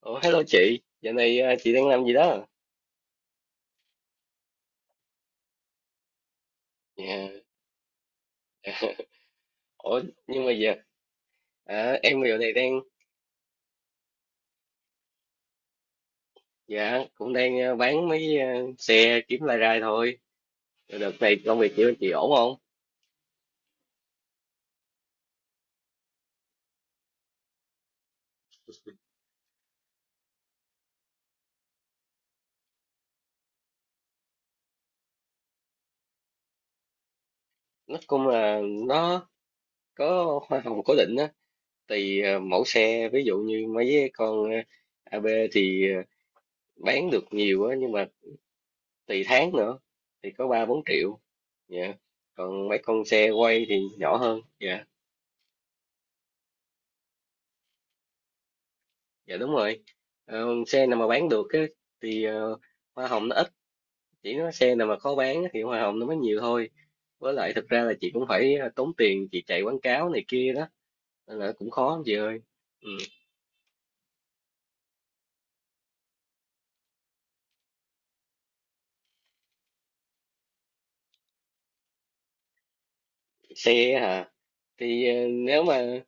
Ủa, hello chị, giờ này chị đang làm gì đó? Dạ. Ủa, nhưng mà giờ em giờ này đang, dạ, cũng đang bán mấy xe kiếm lai rai thôi. Rồi đợt này công việc chị ổn không? Nó cũng là nó có hoa hồng cố định á, tùy mẫu xe, ví dụ như mấy cái con AB thì bán được nhiều á, nhưng mà tùy tháng nữa thì có 3-4 triệu, dạ. Còn mấy con xe quay thì nhỏ hơn, dạ. Dạ đúng rồi. Xe nào mà bán được á, thì hoa hồng nó ít, chỉ có xe nào mà khó bán á thì hoa hồng nó mới nhiều thôi. Với lại thực ra là chị cũng phải tốn tiền chị chạy quảng cáo này kia đó, nên là cũng khó lắm chị ơi. Ừ. Xe hả? Thì nếu mà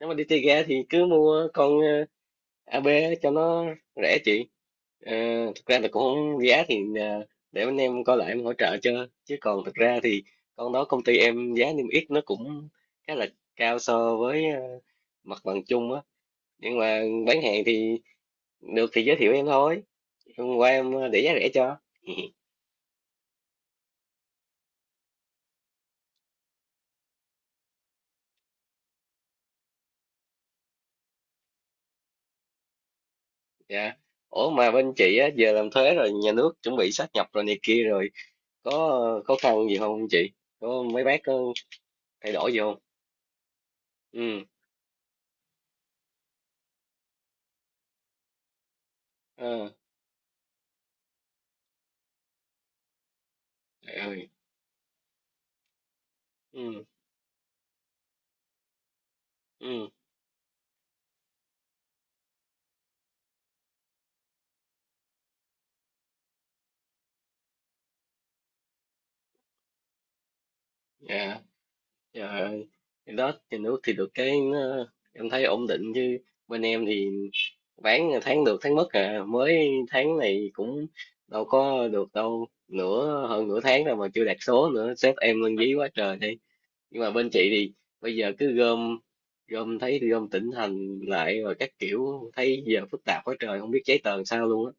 nếu mà đi chơi ga thì cứ mua con AB cho nó rẻ chị. Ờ, Thực ra là cũng không, giá thì để anh em coi lại em hỗ trợ cho, chứ còn thực ra thì con đó công ty em giá niêm yết nó cũng khá là cao so với mặt bằng chung á, nhưng mà bán hàng thì được thì giới thiệu em thôi. Hôm qua em để giá rẻ cho. Dạ, ủa mà bên chị á giờ làm thuế rồi, nhà nước chuẩn bị sáp nhập rồi này kia rồi, có khó khăn gì không chị, có mấy bác có thay đổi gì không? Ừ. ờ, Trời ơi, ừ, ừm, dạ, trời ơi. Thì đó, thì nước thì được cái nó, em thấy ổn định chứ. Bên em thì bán tháng được tháng mất mới tháng này cũng đâu có được đâu, nửa hơn nửa tháng rồi mà chưa đạt số nữa, sếp em lên dí quá trời đi. Nhưng mà bên chị thì bây giờ cứ gom, gom thấy gom tỉnh thành lại rồi các kiểu, thấy giờ phức tạp quá trời, không biết giấy tờ làm sao luôn á.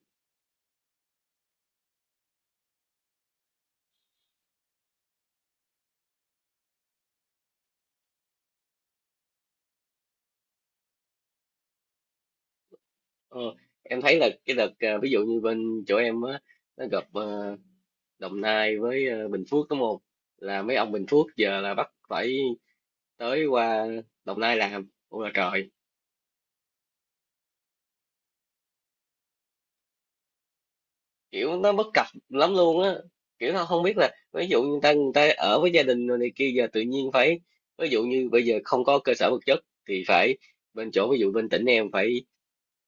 Ờ, em thấy là cái đợt ví dụ như bên chỗ em á, nó gặp Đồng Nai với Bình Phước đúng không, là mấy ông Bình Phước giờ là bắt phải tới qua Đồng Nai làm, ôi là trời. Kiểu nó bất cập lắm luôn á, kiểu nó không biết là ví dụ như người ta ở với gia đình rồi này kia giờ tự nhiên phải, ví dụ như bây giờ không có cơ sở vật chất thì phải bên chỗ, ví dụ bên tỉnh em phải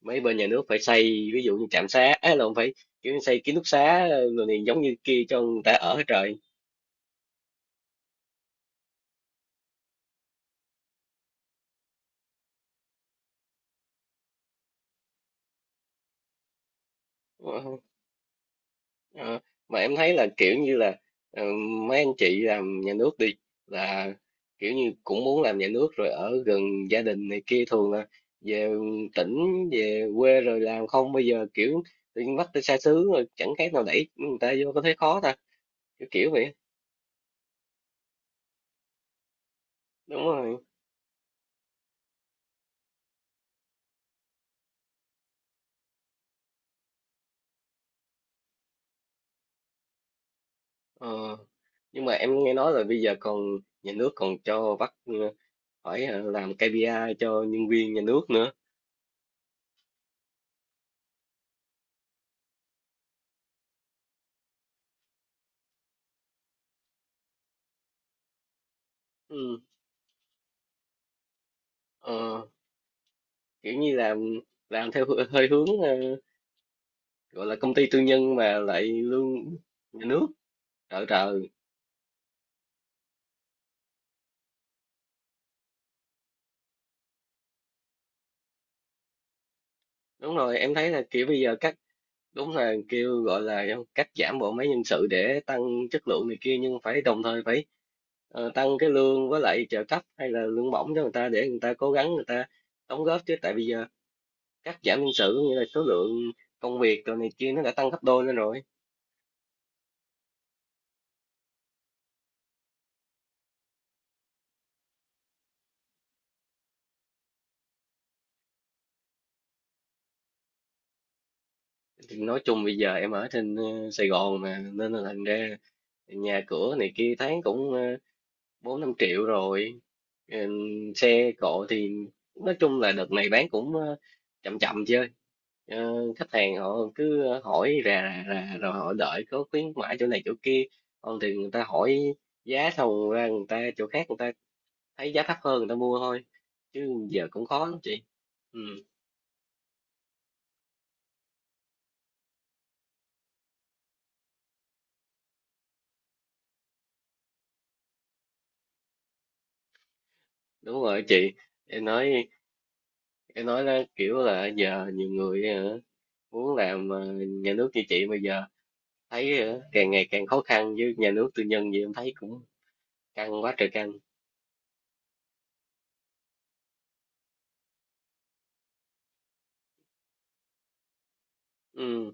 mấy bên nhà nước phải xây ví dụ như trạm xá á, là không phải kiểu xây ký túc xá rồi này giống như kia cho người ta ở hết trời. Ờ, Ờ, ờ, mà em thấy là kiểu như là ờ, mấy anh chị làm nhà nước đi là kiểu như cũng muốn làm nhà nước rồi ở gần gia đình này kia, thường là về tỉnh về quê rồi làm, không bây giờ kiểu tự nhiên bắt tới xa xứ, rồi chẳng khác nào đẩy người ta vô, có thấy khó ta, kiểu kiểu vậy. Đúng rồi. ờ. Nhưng mà em nghe nói là bây giờ còn nhà nước còn cho bắt phải làm KPI cho nhân viên nhà nước nữa. Ừ. ờ, Kiểu như làm theo hơi hướng gọi là công ty tư nhân mà lại lương nhà nước. Trợ trời. Đúng rồi, em thấy là kiểu bây giờ cắt, đúng là kêu gọi là cắt giảm bộ máy nhân sự để tăng chất lượng này kia, nhưng phải đồng thời phải tăng cái lương với lại trợ cấp hay là lương bổng cho người ta, để người ta cố gắng, người ta đóng góp. Chứ tại bây giờ cắt giảm nhân sự có nghĩa là số lượng công việc rồi này kia nó đã tăng gấp đôi lên rồi. Thì nói chung bây giờ em ở trên Sài Gòn mà, nên là thành ra nhà cửa này kia thấy cũng 4-5 triệu rồi. Ừm, xe cộ thì nói chung là đợt này bán cũng chậm chậm chơi. Khách hàng họ cứ hỏi rà rà rà rồi họ đợi có khuyến mãi chỗ này chỗ kia, còn thì người ta hỏi giá xong ra người ta chỗ khác, người ta thấy giá thấp hơn người ta mua thôi, chứ giờ cũng khó lắm chị. Ừ, đúng rồi chị. Em nói em nói là kiểu là giờ nhiều người muốn làm nhà nước như chị. Bây giờ thấy càng ngày càng khó khăn, với nhà nước tư nhân gì em thấy cũng căng quá trời căng. Ừ.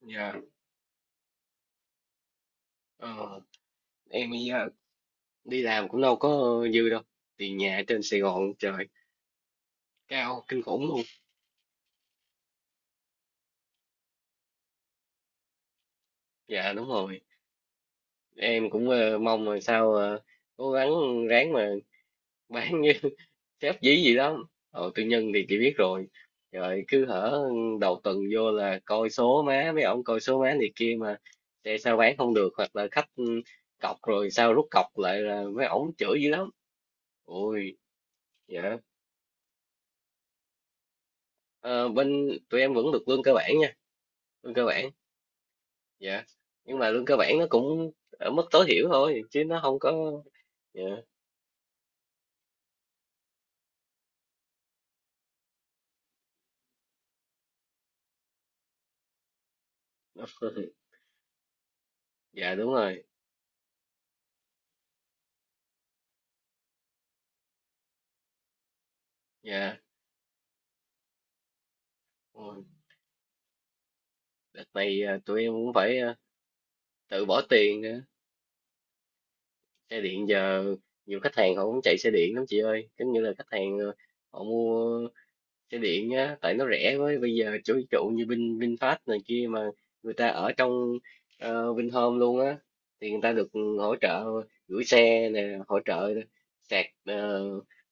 Dạ, ờ, em bây giờ đi làm cũng đâu có dư đâu, tiền nhà ở trên Sài Gòn trời, cao kinh khủng luôn. Dạ đúng rồi, em cũng mong là sao cố gắng ráng mà bán. Sếp dí gì lắm, tư nhân thì chị biết rồi, rồi cứ hở đầu tuần vô là coi số má mấy ông, coi số má này kia mà, xe sao bán không được, hoặc là khách cọc rồi sao rút cọc lại là mấy ổng chửi dữ lắm. Ôi. Dạ. Ờ, Bên tụi em vẫn được lương cơ bản nha, lương cơ bản. Dạ. Nhưng mà lương cơ bản nó cũng ở mức tối thiểu thôi, chứ nó không có. Dạ. Dạ đúng rồi. Dạ. Ôi, đợt này tụi em cũng phải tự bỏ tiền xe điện giờ nhiều khách hàng họ cũng chạy xe điện lắm chị ơi, giống như là khách hàng họ mua xe điện á tại nó rẻ. Với bây giờ chủ ví dụ như VinFast này kia mà, người ta ở trong Vinhome luôn á, thì người ta được hỗ trợ gửi xe nè, hỗ trợ sạc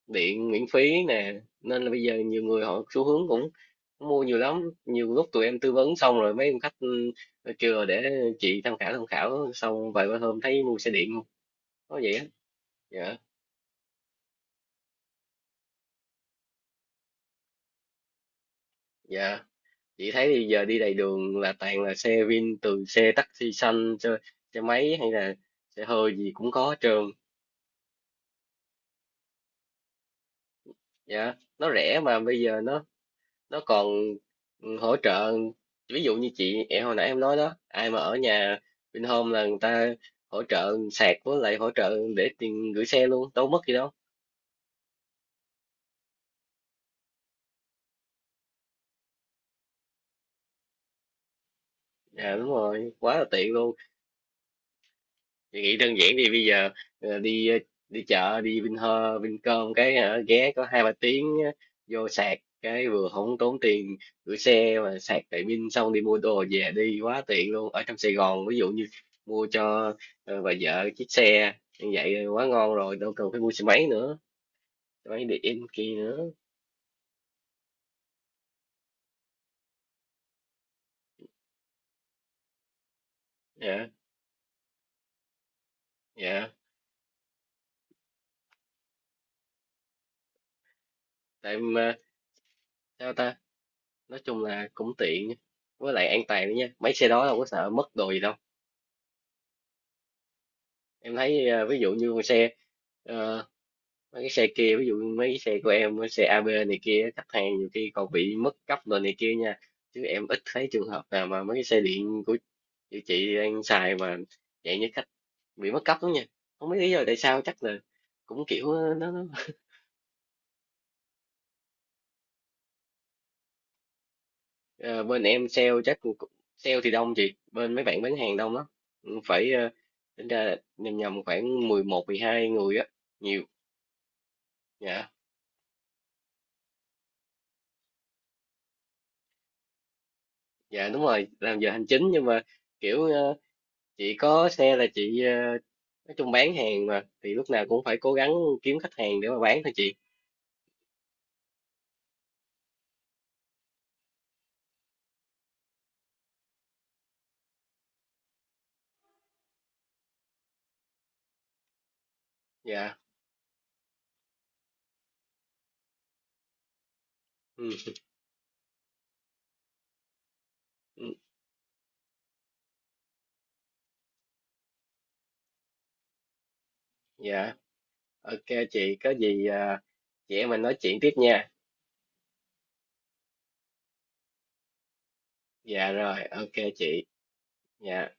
điện miễn phí nè. Nên là bây giờ nhiều người họ xu hướng cũng mua nhiều lắm. Nhiều lúc tụi em tư vấn xong rồi mấy ông khách kêu là để chị tham khảo, tham khảo xong vài ba hôm thấy mua xe điện, có vậy á. Dạ. Dạ, chị thấy thì giờ đi đầy đường là toàn là xe Vin, từ xe taxi xanh cho xe máy hay là xe hơi gì cũng có hết trơn. Dạ. Nó rẻ mà bây giờ nó còn hỗ trợ, ví dụ như chị, em hồi nãy em nói đó, ai mà ở nhà Vinhome là người ta hỗ trợ sạc với lại hỗ trợ để tiền gửi xe luôn, đâu mất gì đâu. Dạ đúng rồi, quá là tiện luôn. Chị nghĩ đơn giản thì bây giờ đi đi chợ đi Vinhome Vincom cái ghé có 2-3 tiếng vô sạc cái vừa không tốn tiền gửi xe mà sạc tại Vin, xong đi mua đồ về, đi quá tiện luôn. Ở trong Sài Gòn ví dụ như mua cho bà vợ chiếc xe như vậy quá ngon rồi, đâu cần phải mua xe máy nữa, xe máy điện kia nữa. Dạ. Dạ, tại mà sao ta, nói chung là cũng tiện, với lại an toàn nữa nha, mấy xe đó đâu có sợ mất đồ gì đâu. Em thấy ví dụ như con xe ờ, mấy cái xe kia, ví dụ như mấy cái xe của em, mấy xe AB này kia khách hàng nhiều khi còn bị mất cấp rồi này kia nha, chứ em ít thấy trường hợp nào mà mấy cái xe điện của chị đang xài mà, dạng như khách bị mất cấp lắm nha. Không biết lý do tại sao, chắc là cũng kiểu. Ờ, Bên em sale chắc sale thì đông chị, bên mấy bạn bán hàng đông lắm. Ừ, phải tính ra là nhầm nhầm khoảng 11-12 người á, nhiều. Dạ. Dạ đúng rồi, làm giờ hành chính nhưng mà kiểu, chị có xe là chị nói chung bán hàng mà thì lúc nào cũng phải cố gắng kiếm khách hàng để mà bán thôi chị. Dạ. Ừ. Ừ, dạ ok chị, có gì chị em mình nói chuyện tiếp nha. Dạ rồi ok chị. Dạ.